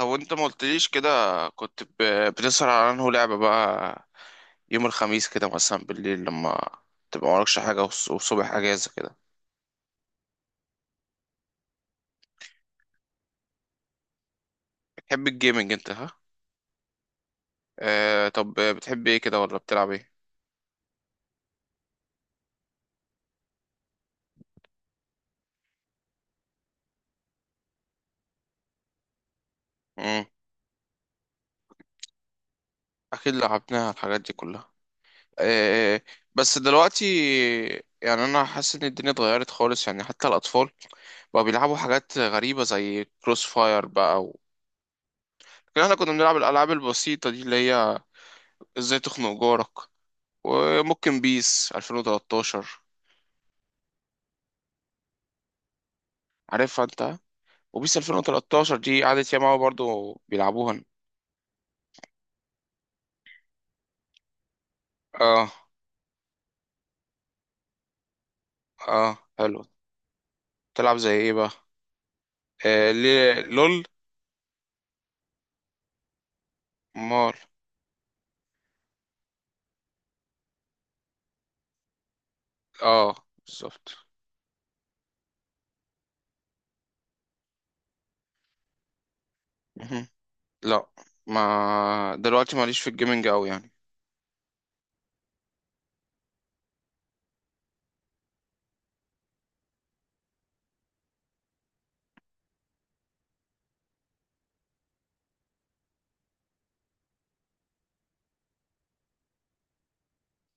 او انت ما قلتليش كده. كنت بتسهر على انه لعبة بقى يوم الخميس كده مثلا بالليل لما تبقى مالكش حاجة والصبح اجازة كده. بتحب الجيمنج انت، ها؟ آه، طب بتحب ايه كده ولا بتلعب ايه؟ مم. اكيد لعبناها الحاجات دي كلها. آه. بس دلوقتي يعني انا حاسس ان الدنيا اتغيرت خالص، يعني حتى الاطفال بقوا بيلعبوا حاجات غريبة زي كروس فاير بقى لكن احنا كنا بنلعب الالعاب البسيطة دي اللي هي ازاي تخنق جارك، وممكن بيس 2013. عارفها انت؟ وبيس 2013 دي قعدت ياما أوي برضو بيلعبوها. اه. اه، حلو. تلعب زي ايه بقى؟ آه ليه، لول. مال. اه، بالظبط. مهم. لا، ما دلوقتي ماليش في الجيمنج قوي يعني.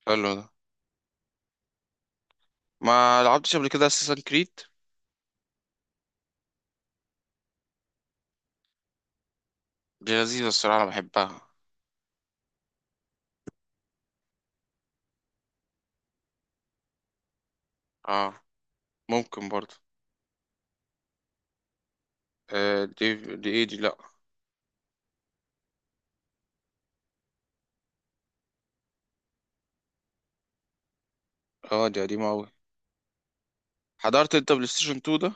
حلو ده. ما لعبتش قبل كده اساسن كريد؟ دي لذيذة الصراحة، انا بحبها. اه، ممكن برضو. آه، دي. دي ايه دي؟ لا. اه، دي قديمة قوي. حضرت انت بلاي ستيشن 2 ده؟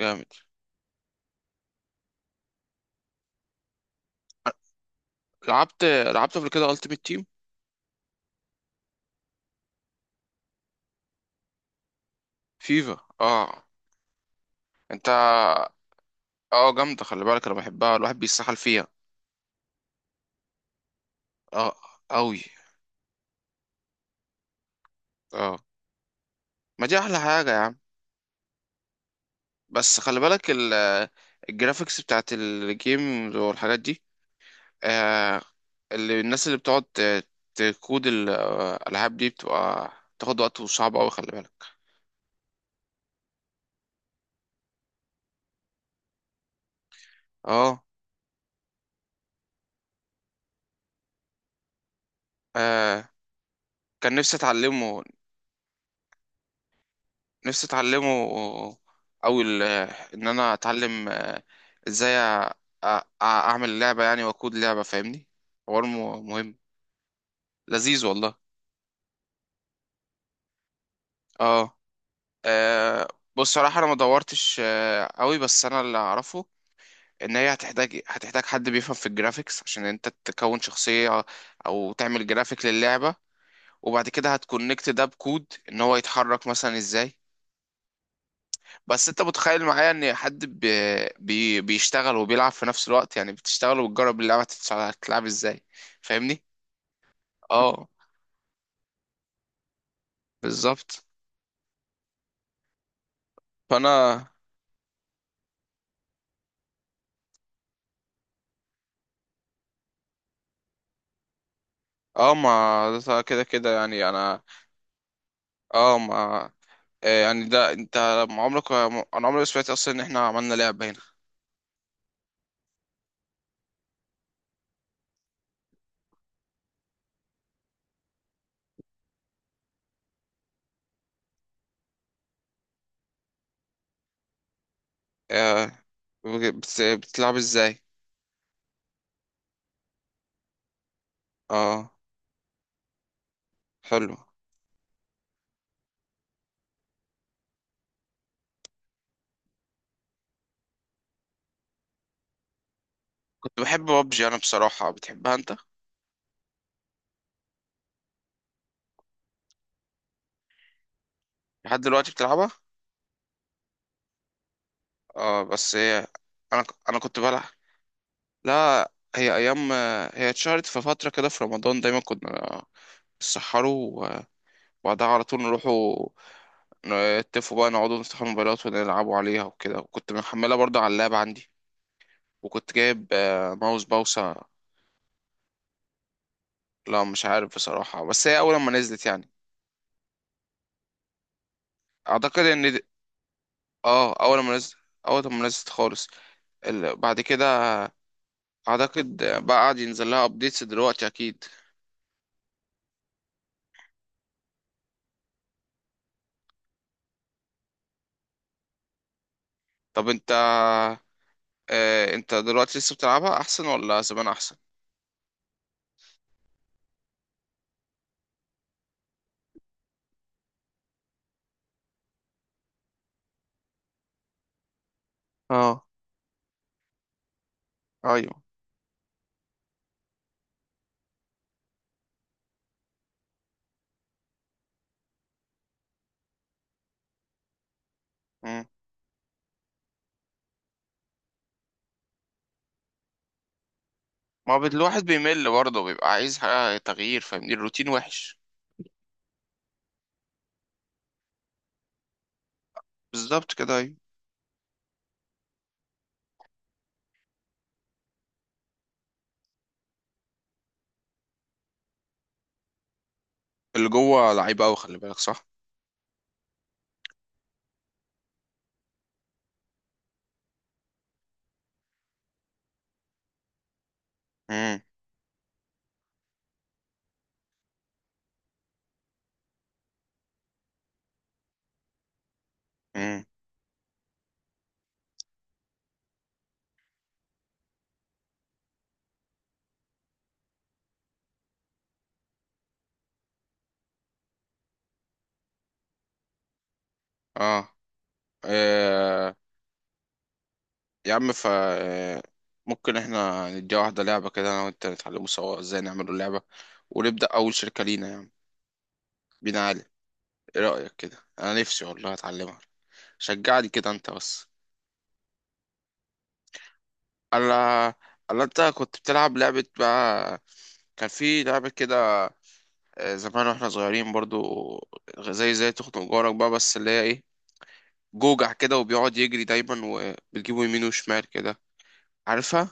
جامد. لعبت قبل كده التيمت تيم. فيفا؟ اه. انت. اه، جامده، خلي بالك انا بحبها، الواحد بيسحل فيها. اه، قوي. اه، ما دي احلى حاجه يا عم. بس خلي بالك الجرافيكس بتاعت الجيم والحاجات دي. آه. اللي الناس اللي بتقعد تكود الالعاب دي بتبقى تاخد وقت وصعب قوي، خلي بالك. اه. آه، كان نفسي اتعلمه. نفسي اتعلمه. او ان انا اتعلم ازاي أ- اعمل لعبة يعني، واكود لعبة، فاهمني؟ حوار مهم. لذيذ والله. اه. آه، بص، صراحة انا ما دورتش قوي، بس انا اللي اعرفه ان هي هتحتاج حد بيفهم في الجرافيكس عشان انت تكون شخصية او تعمل جرافيك للعبة. وبعد كده هتكونكت ده بكود ان هو يتحرك مثلا ازاي. بس انت متخيل معايا ان حد بي بي بيشتغل وبيلعب في نفس الوقت، يعني بتشتغل وبتجرب اللعبة تتلعب ازاي، فاهمني؟ اه، بالظبط. فانا. اه، ما ده كده كده يعني انا. اه، ما يعني ده انت. ما عمرك، انا عمري ما سمعت اصلا ان احنا عملنا لعبة هنا. آه، بتلعب ازاي؟ اه، حلو. كنت بحب ببجي انا بصراحة، بتحبها انت؟ لحد دلوقتي بتلعبها؟ اه، بس هي. انا انا كنت بلعب. لا، هي ايام. هي اتشهرت في فتره كده في رمضان، دايما كنا نسحروا وبعدها على طول نروحوا نتفقوا بقى نقعدوا نفتحوا الموبايلات ونلعبوا عليها وكده، وكنت محملها برضه على اللاب عندي. وكنت جايب ماوس باوسة. لا، مش عارف بصراحه، بس هي اول ما نزلت يعني. اعتقد ان اه، اول ما نزلت. اول ما نزلت خالص. بعد كده اعتقد بقى قاعد ينزل لها ابديتس دلوقتي اكيد. طب انت، انت دلوقتي لسه بتلعبها احسن ولا زمان احسن؟ اه. ايوه. مم. ما هو الواحد بيمل برضه، بيبقى عايز حاجة تغيير، فاهمني؟ الروتين وحش. بالظبط كده، ايوه. اللي جوه لعيب قوي، خلي بالك، صح؟ مم. مم. اه. آه، يا عم، ف آه، ممكن احنا نديها واحده لعبه كده انا وانت، نتعلموا سوا ازاي نعمل اللعبه، ونبدا اول شركه لينا يعني، بينا علي. ايه رايك كده؟ انا نفسي والله اتعلمها. شجعني كده انت بس. الا الا انت كنت بتلعب لعبه بقى، كان في لعبه كده زمان واحنا صغيرين برضو، زي تخنق جارك بقى، بس اللي هي ايه، جوجع كده وبيقعد يجري دايما، وبتجيبه يمين وشمال كده. عارفها؟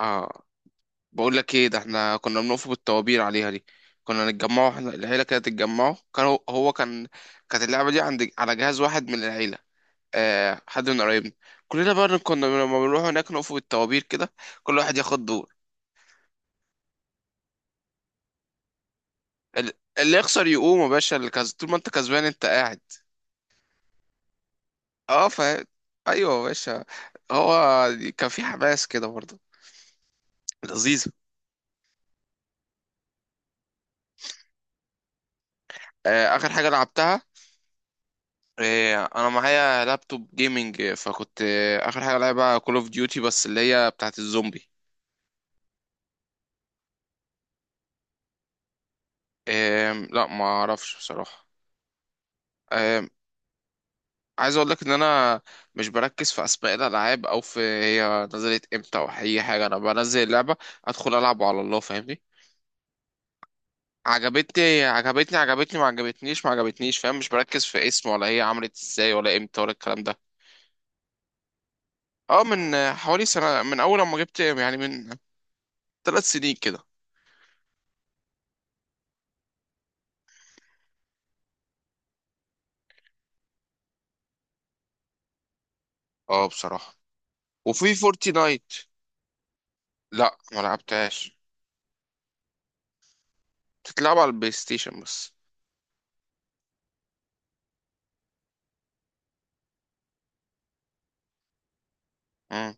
اه. بقول لك ايه، ده احنا كنا بنقف بالطوابير عليها دي. كنا نتجمعوا، احنا العيله كانت تتجمعوا، كان هو هو كان كانت اللعبه دي عند على جهاز واحد من العيله، آه، حد من قرايبنا، كلنا بقى كنا لما بنروح هناك نقف بالطوابير كده، كل واحد ياخد دور. ال- اللي يخسر يقوم يا باشا، اللي طول ما انت كسبان انت قاعد. اه. ايوه يا باشا. هو كان في حماس كده برضه، لذيذ. اخر حاجه لعبتها، انا معايا لابتوب جيمنج، فكنت اخر حاجه لعبها كول اوف ديوتي، بس اللي هي بتاعت الزومبي. لا، ما اعرفش بصراحه. آم، عايز اقول لك ان انا مش بركز في اسماء الالعاب او في هي نزلت امتى او اي حاجه، انا بنزل اللعبه ادخل العب على الله، فاهمني؟ عجبتني عجبتني عجبتني، ما عجبتنيش ما عجبتنيش، فاهم؟ مش بركز في اسم ولا هي عملت ازاي ولا امتى ولا الكلام ده. اه، من حوالي سنة، من اول ما جبت يعني، من 3 سنين كده. اه، بصراحة. وفي فورتي نايت؟ لا، ما لعبتهاش، بتتلعب على البلاي ستيشن بس. مم.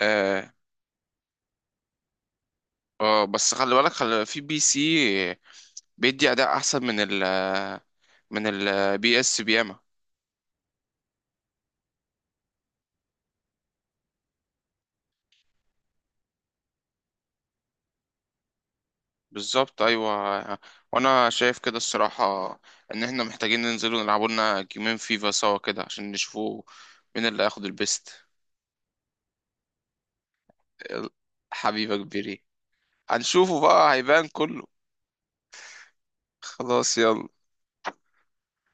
اه. اه، بس خلي بالك، خلي في بي سي بيدي اداء احسن من ال من البي اس بياما. بالظبط، ايوه. وانا شايف كده الصراحه ان احنا محتاجين ننزل ونلعبوا لنا جيمين فيفا سوا كده، عشان نشوفوا مين اللي هياخد البيست. يلا، حبيبك بيري، هنشوفه بقى هيبان كله. خلاص، يلا.